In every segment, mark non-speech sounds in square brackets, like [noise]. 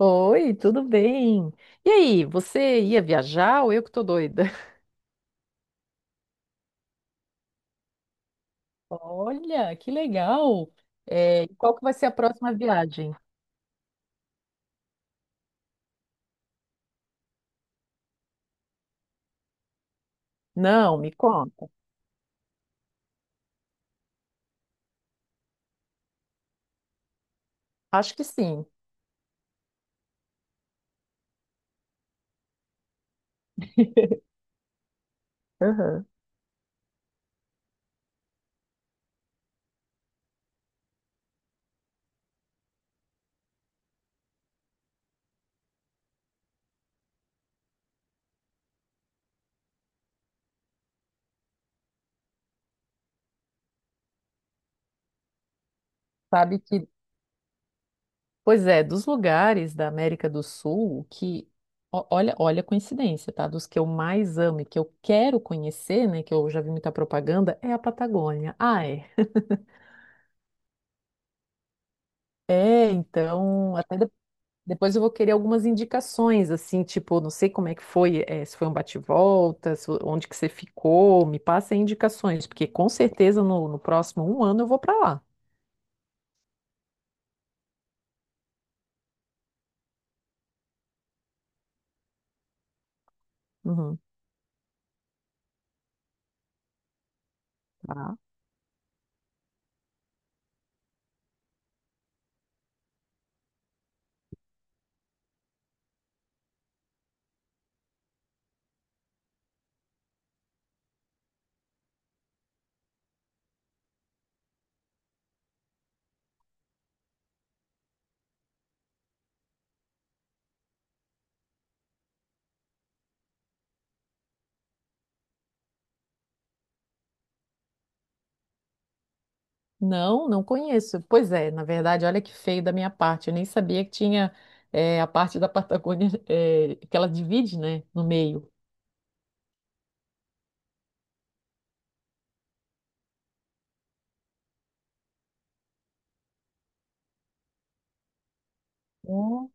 Oi, tudo bem? E aí, você ia viajar ou eu que tô doida? [laughs] Olha, que legal! É, e qual que vai ser a próxima viagem? Não, me conta. Acho que sim. Aham. Sabe que, Pois é, dos lugares da América do Sul o que, olha, olha a coincidência, tá? Dos que eu mais amo e que eu quero conhecer, né? Que eu já vi muita propaganda, é a Patagônia. Ah, é. É, então, até Depois eu vou querer algumas indicações, assim, tipo, não sei como é que foi, se foi um bate-volta, onde que você ficou, me passa aí indicações, porque com certeza no próximo um ano eu vou para lá. Uhum. Tá? Não, não conheço. Pois é, na verdade, olha que feio da minha parte. Eu nem sabia que tinha a parte da Patagônia [laughs] que ela divide, né, no meio. Hum.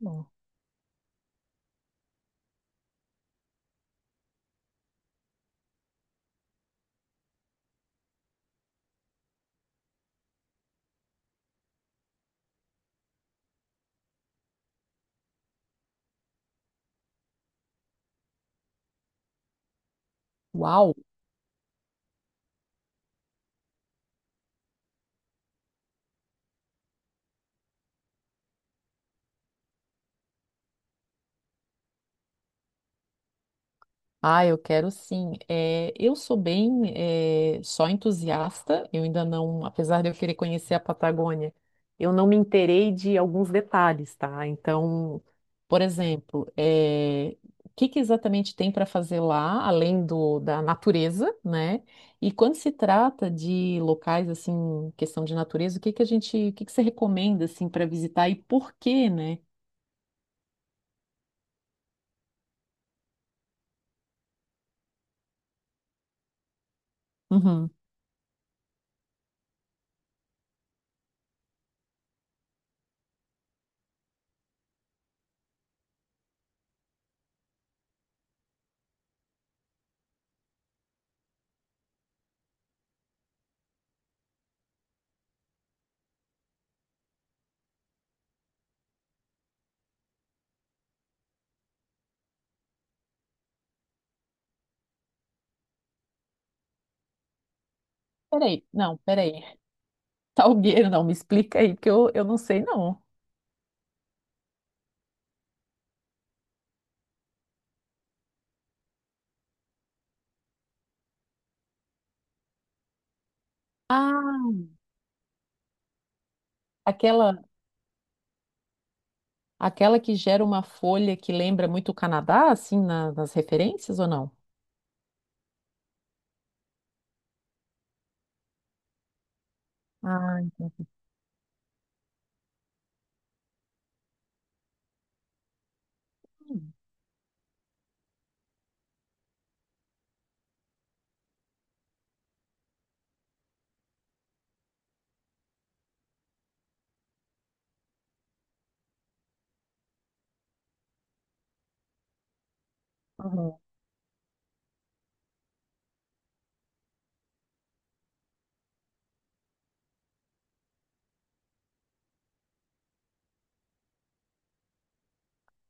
Uau! Ah, eu quero sim. É, eu sou bem só entusiasta, eu ainda não, apesar de eu querer conhecer a Patagônia, eu não me inteirei de alguns detalhes, tá? Então, por exemplo, o que que exatamente tem para fazer lá, da natureza, né? E quando se trata de locais, assim, questão de natureza, o que que você recomenda, assim, para visitar e por quê, né? Uhum. Peraí, não, peraí. Talgueiro não, me explica aí, porque eu não sei, não. Ah, aquela, aquela que gera uma folha que lembra muito o Canadá, assim, nas referências ou não? Ah, entendi. Uhum.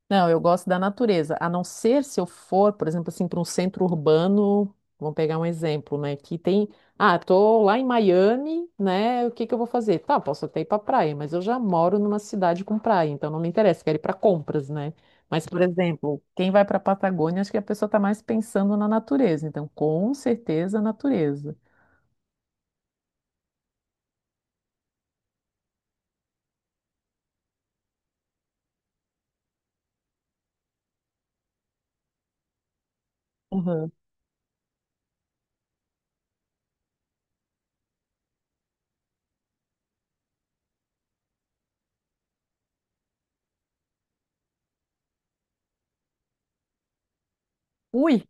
Não, eu gosto da natureza, a não ser se eu for, por exemplo, assim, para um centro urbano, vamos pegar um exemplo, né, ah, tô lá em Miami, né, o que que eu vou fazer? Tá, posso até ir para praia, mas eu já moro numa cidade com praia, então não me interessa, quero ir para compras, né? Mas, por exemplo, quem vai para a Patagônia, acho que a pessoa está mais pensando na natureza, então com certeza a natureza. Uhum. Ui.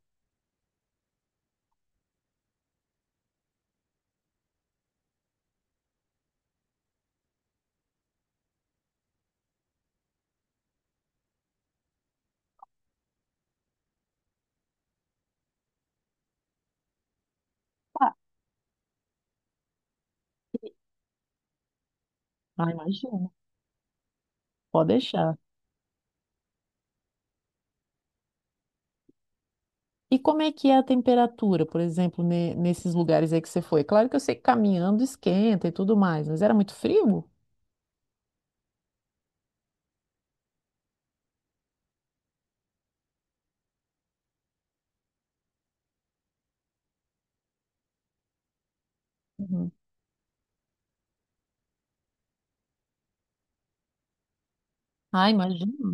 Ah, e- ah, imagino, pode deixar. E como é que é a temperatura, por exemplo, nesses lugares aí que você foi? Claro que eu sei que caminhando esquenta e tudo mais, mas era muito frio? Uhum. Ah, imagino.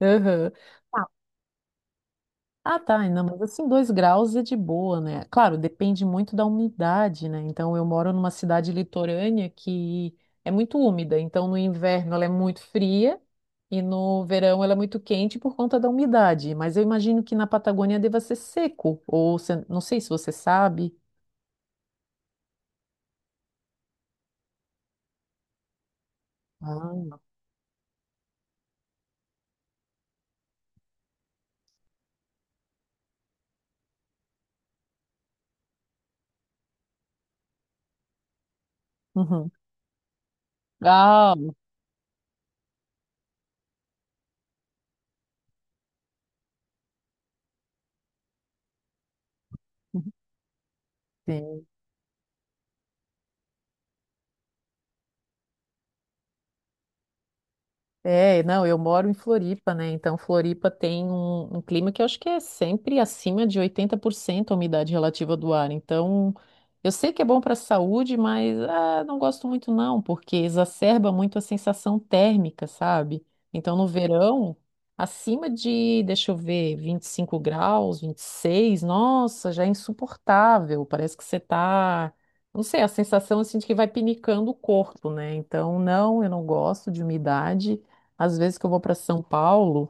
Aham. Ah, ah, tá, não, mas assim, dois graus é de boa, né? Claro, depende muito da umidade, né? Então, eu moro numa cidade litorânea que é muito úmida, então no inverno ela é muito fria e no verão ela é muito quente por conta da umidade. Mas eu imagino que na Patagônia deva ser seco, ou não sei se você sabe. Ah. Uhum. Ah, uhum. Sim. É, não, eu moro em Floripa, né? Então, Floripa tem um clima que eu acho que é sempre acima de 80% a umidade relativa do ar. Então, eu sei que é bom para a saúde, mas ah, não gosto muito não, porque exacerba muito a sensação térmica, sabe? Então, no verão, acima de, deixa eu ver, 25 graus, 26, nossa, já é insuportável. Parece que você tá, não sei, a sensação assim de que vai pinicando o corpo, né? Então, não, eu não gosto de umidade. Às vezes que eu vou para São Paulo,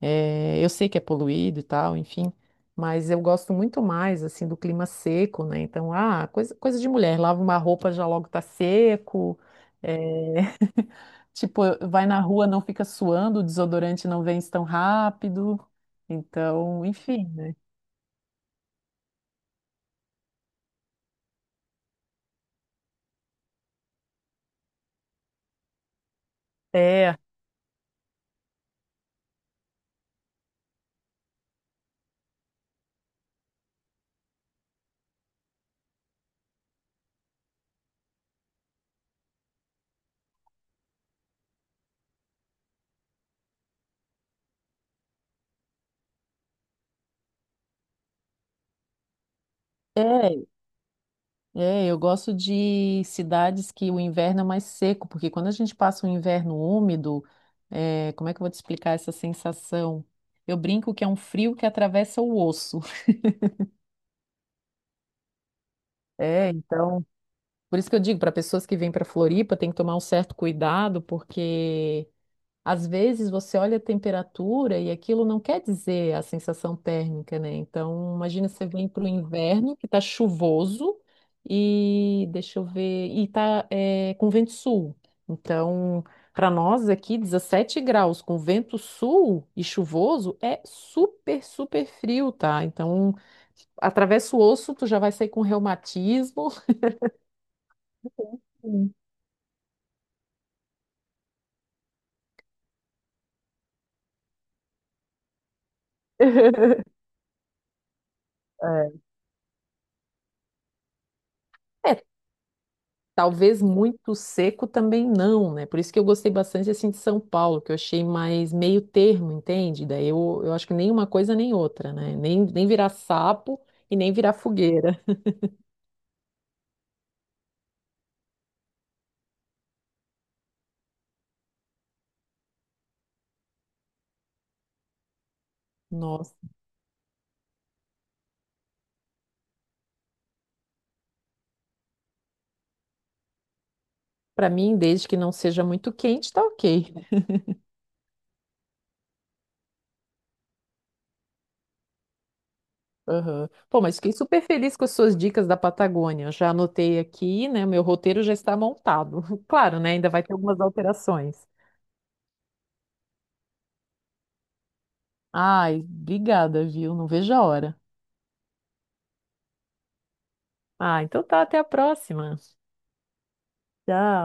eu sei que é poluído e tal, enfim, mas eu gosto muito mais assim do clima seco, né? Então, ah, coisa de mulher, lava uma roupa já logo tá seco, eh, [laughs] tipo, vai na rua, não fica suando, o desodorante não vence tão rápido. Então, enfim, né? É. É, É, eu gosto de cidades que o inverno é mais seco, porque quando a gente passa um inverno úmido, é, como é que eu vou te explicar essa sensação? Eu brinco que é um frio que atravessa o osso. [laughs] É, então. Por isso que eu digo, para pessoas que vêm para Floripa, tem que tomar um certo cuidado, porque às vezes você olha a temperatura e aquilo não quer dizer a sensação térmica, né? Então, imagina você vem para o inverno que está chuvoso e deixa eu ver, e tá é, com vento sul. Então, para nós aqui, 17 graus com vento sul e chuvoso é super, super frio, tá? Então, atravessa o osso, tu já vai sair com reumatismo. [laughs] Sim. [laughs] É. É, Talvez muito seco também não, né? Por isso que eu gostei bastante assim de São Paulo, que eu achei mais meio termo, entende? Daí eu acho que nem uma coisa nem outra, né? Nem, nem virar sapo e nem virar fogueira. Nossa, pra mim, desde que não seja muito quente, tá ok. Aham. Pô, mas fiquei super feliz com as suas dicas da Patagônia. Eu já anotei aqui, né? O meu roteiro já está montado. [laughs] Claro, né? Ainda vai ter algumas alterações. Ai, obrigada, viu? Não vejo a hora. Ah, então tá, até a próxima. Tchau.